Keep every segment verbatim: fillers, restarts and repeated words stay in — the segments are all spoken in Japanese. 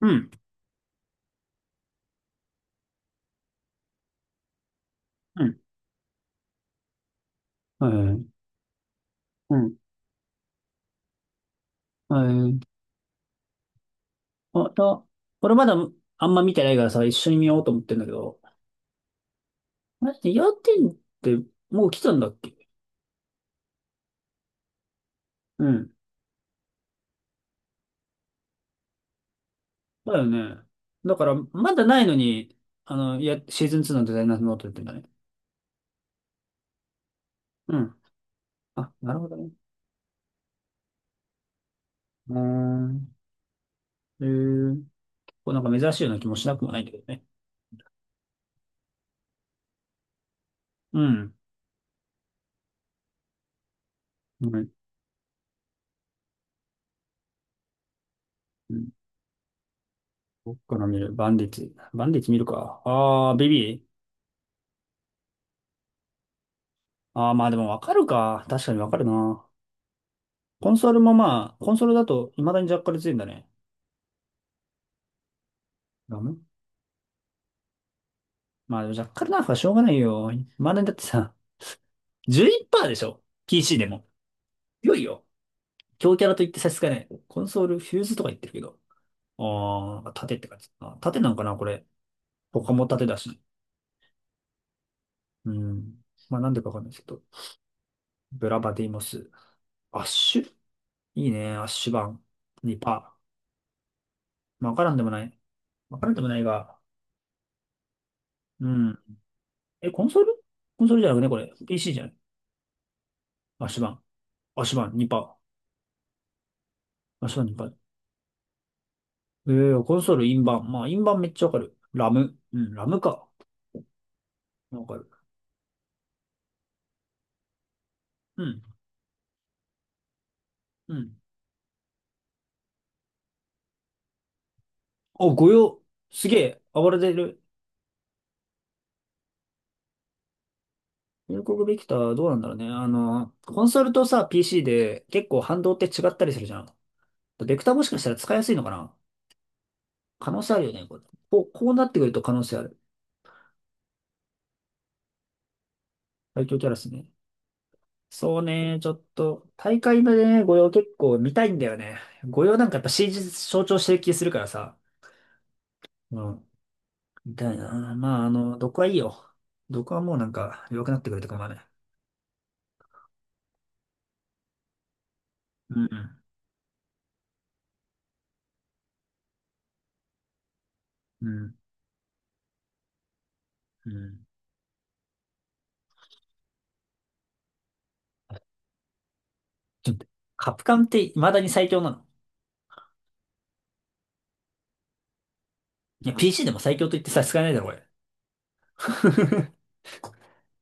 うん、うん、はい、うん。はい。あと、俺まだあんま見てないからさ、一緒に見ようと思ってんだけど、マジで要点ってもう来たんだっけ？うん。だよね。だから、まだないのに、あの、いや、シーズンツーのデザイナーズノートってんだね。うん。あ、なるほどね。うーん。えー、こうなんか珍しいような気もしなくもないんだけどね。うん。うん。うん。僕から見る。バンディッツ。バンディッツ見るか。あー、ベビー。あー、まあでもわかるか。確かにわかるな。コンソールもまあ、コンソールだと未だにジャッカルついてんだね。ダメ。まあ、ジャッカルなんかしょうがないよ。未だにだってさ、じゅういちパーセントでしょ ?ピーシー でも。強いよ。強キャラと言って差し支えない。コンソール、フューズとか言ってるけど。ああ、なんか盾って感じだな。盾なんかな、これ。他も盾だし。うん。まあ、なんでかわかんないですけど。ブラバディモス。アッシュいいね。アッシュ版。にパーセント。まあわからんでもない。わからんでもないが。うん。え、コンソール。コンソールじゃなくね、これ。ピーシー じゃない。アッシュ版。アッシュ版にパーセント。あ、そうなんか。えー、コンソール、インバン。まあ、インバンめっちゃわかる。ラム。うん、ラムか。わかる。うん、うん。お、御用。すげえ、暴れてる。入国ビクターどうなんだろうね。あの、コンソールとさ、ピーシー で結構反動って違ったりするじゃん。ベクターもしかしたら使いやすいのかな。可能性あるよね、これ。こう、こうなってくると可能性ある。最強キャラっすね。そうね、ちょっと、大会のね、御用結構見たいんだよね。御用なんかやっぱ シージー 象徴してる気するからさ。うん。みたいな。まあ、あの、毒はいいよ。毒はもうなんか弱くなってくれて構わない。うん。うん。うん。ちょっと、カプカンって未だに最強なの？いや、ピーシー でも最強と言って差し支えないだろ、これ。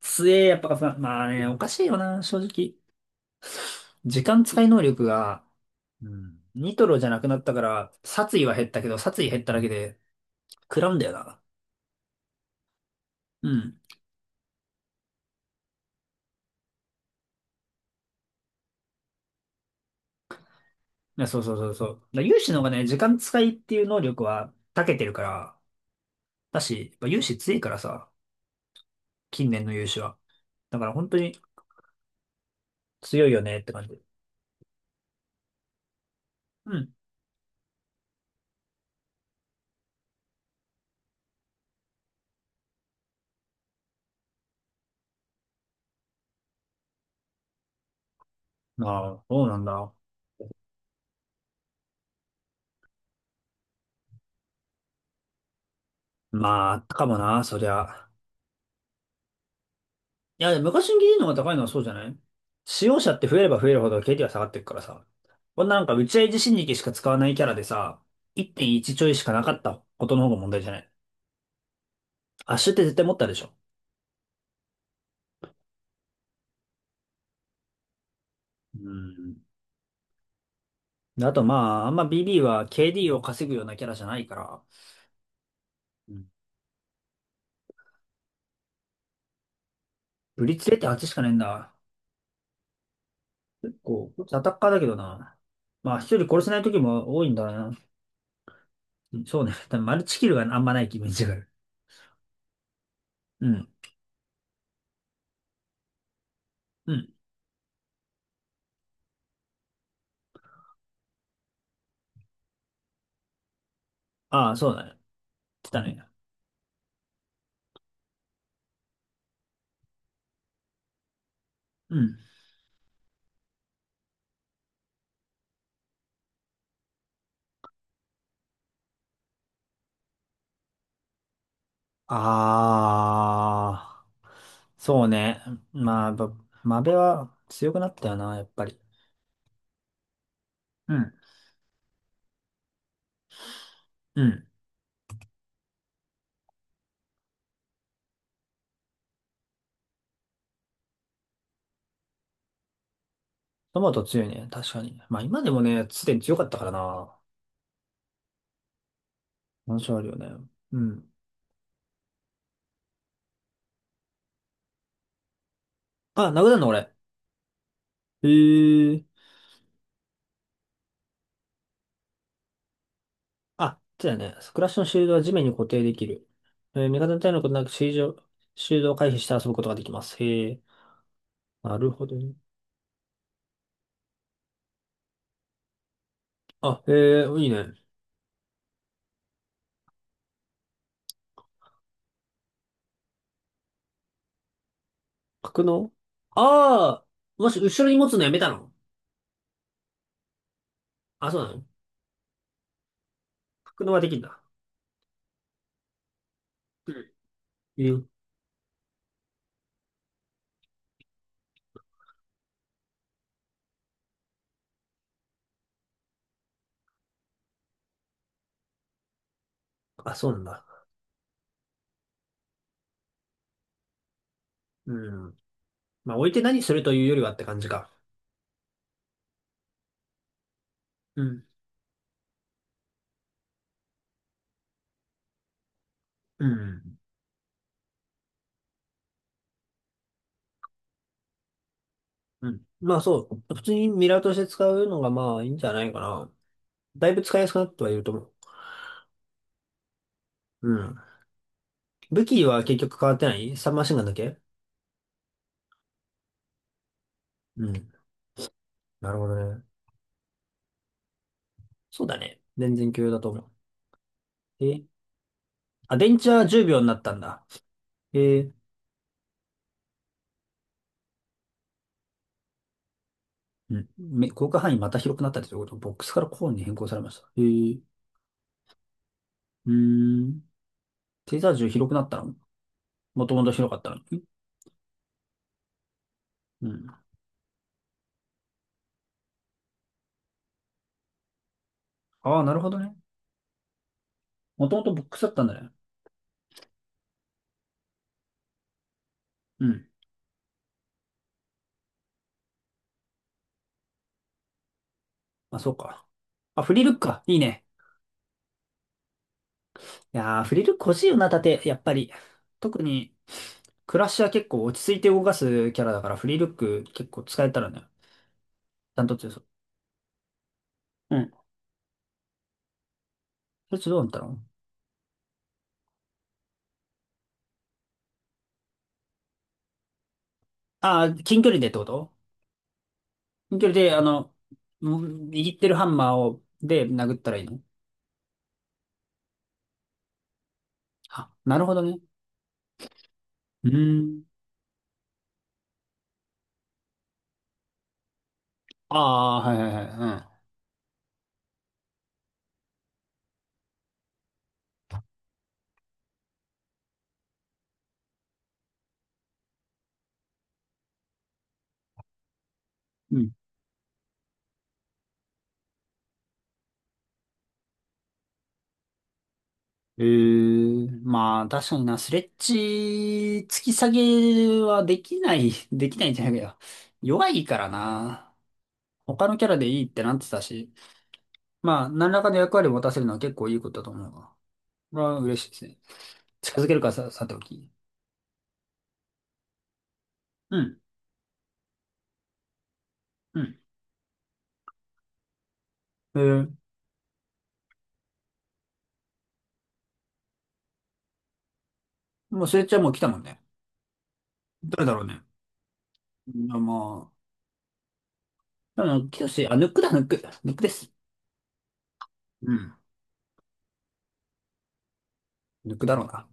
強え、やっぱカプカン。まあね、おかしいよな、正直。時間使い能力が、うん。ニトロじゃなくなったから、殺意は減ったけど、殺意減っただけで、食らうんだよな。うん。いや、そうそうそうそう。だから有志の方がね、時間使いっていう能力は長けてるから、だし、やっぱ有志強いからさ、近年の有志は。だから本当に強いよねって感じ。うん。ああ、そうなんだ。まあ、あったかもな、そりゃ。いや、昔に ディーディー の方が高いのはそうじゃない？使用者って増えれば増えるほど ケーディー は下がっていくからさ。こんななんか打ち合い自身力しか使わないキャラでさ、いってんいちちちょいしかなかったことの方が問題じゃない？アッシュって絶対持ったでしょ。うん。であとまあ、あんま ビービー は ケーディー を稼ぐようなキャラじゃないから、うん。ブリッツれいてんはちしかねえんだ。結構、こいつアタッカーだけどな。まあ、一人殺せない時も多いんだな。そうね。多分マルチキルがあんまないイメージがある。うん。うん。ああ、そうだね。来たね。うん。あー、そうね。まあ、やっぱマベは強くなったよな、やっぱり。うん。うん。トマト強いね、確かに。まあ今でもね、すでに強かったからな。難所あるよね。うん。あ、殴るの俺。へえ。あ、そうだよね。クラッシュのシールドは地面に固定できる。えー味方の体のことなくシールド、シールドを回避して遊ぶことができます。へえ。なるほど。ね。あ、ええ、いいね。格納。ああー、もし後ろに持つのやめたの？あ、そうなの？格納はできるんだ。うん。えーあ、そうなんだ。うん。まあ、置いて何するというよりはって感じか。うん。うん。うん。まあ、そう。普通にミラーとして使うのがまあいいんじゃないかな。だいぶ使いやすくなってはいると思う。うん。武器は結局変わってないサブマシンガンだけ。うん。なるほどね。そうだね。全然共有だと思う。えーあ、電池はじゅうびょうになったんだ。ええ、うん。め広角範囲また広くなったりということ、ボックスからコーンに変更されました。へえ。うーん。テーザー銃広くなったの？もともと広かったのに。うん。ああ、なるほどね。もともとボックスだったんだね。うん。あ、そうか。あ、フリルックか。いいね。いやー、フリルック欲しいよな、盾。やっぱり。特に、クラッシュは結構落ち着いて動かすキャラだから、フリルック結構使えたらね。ダントツでそう。うん。そいつどうなったの？ああー、近距離でってこと？近距離で、あの、うん、握ってるハンマーを、で殴ったらいいの？あ、なるほどね。うーん。ああ、はいはいはい。うん。うん。ええ、まあ、確かにな、スレッジ、突き下げはできない、できないんじゃないかよ。弱いからな。他のキャラでいいってなってたし。まあ、何らかの役割を持たせるのは結構いいことだと思うわ。これは嬉しいですね。近づけるかさ、さておき。うん。うん。えー、もうスレッジはもう来たもんね。誰だろうね。いやまあ、でも、きし、あ、ヌックだ、ヌック。ヌックです。うん。ヌックだろうな。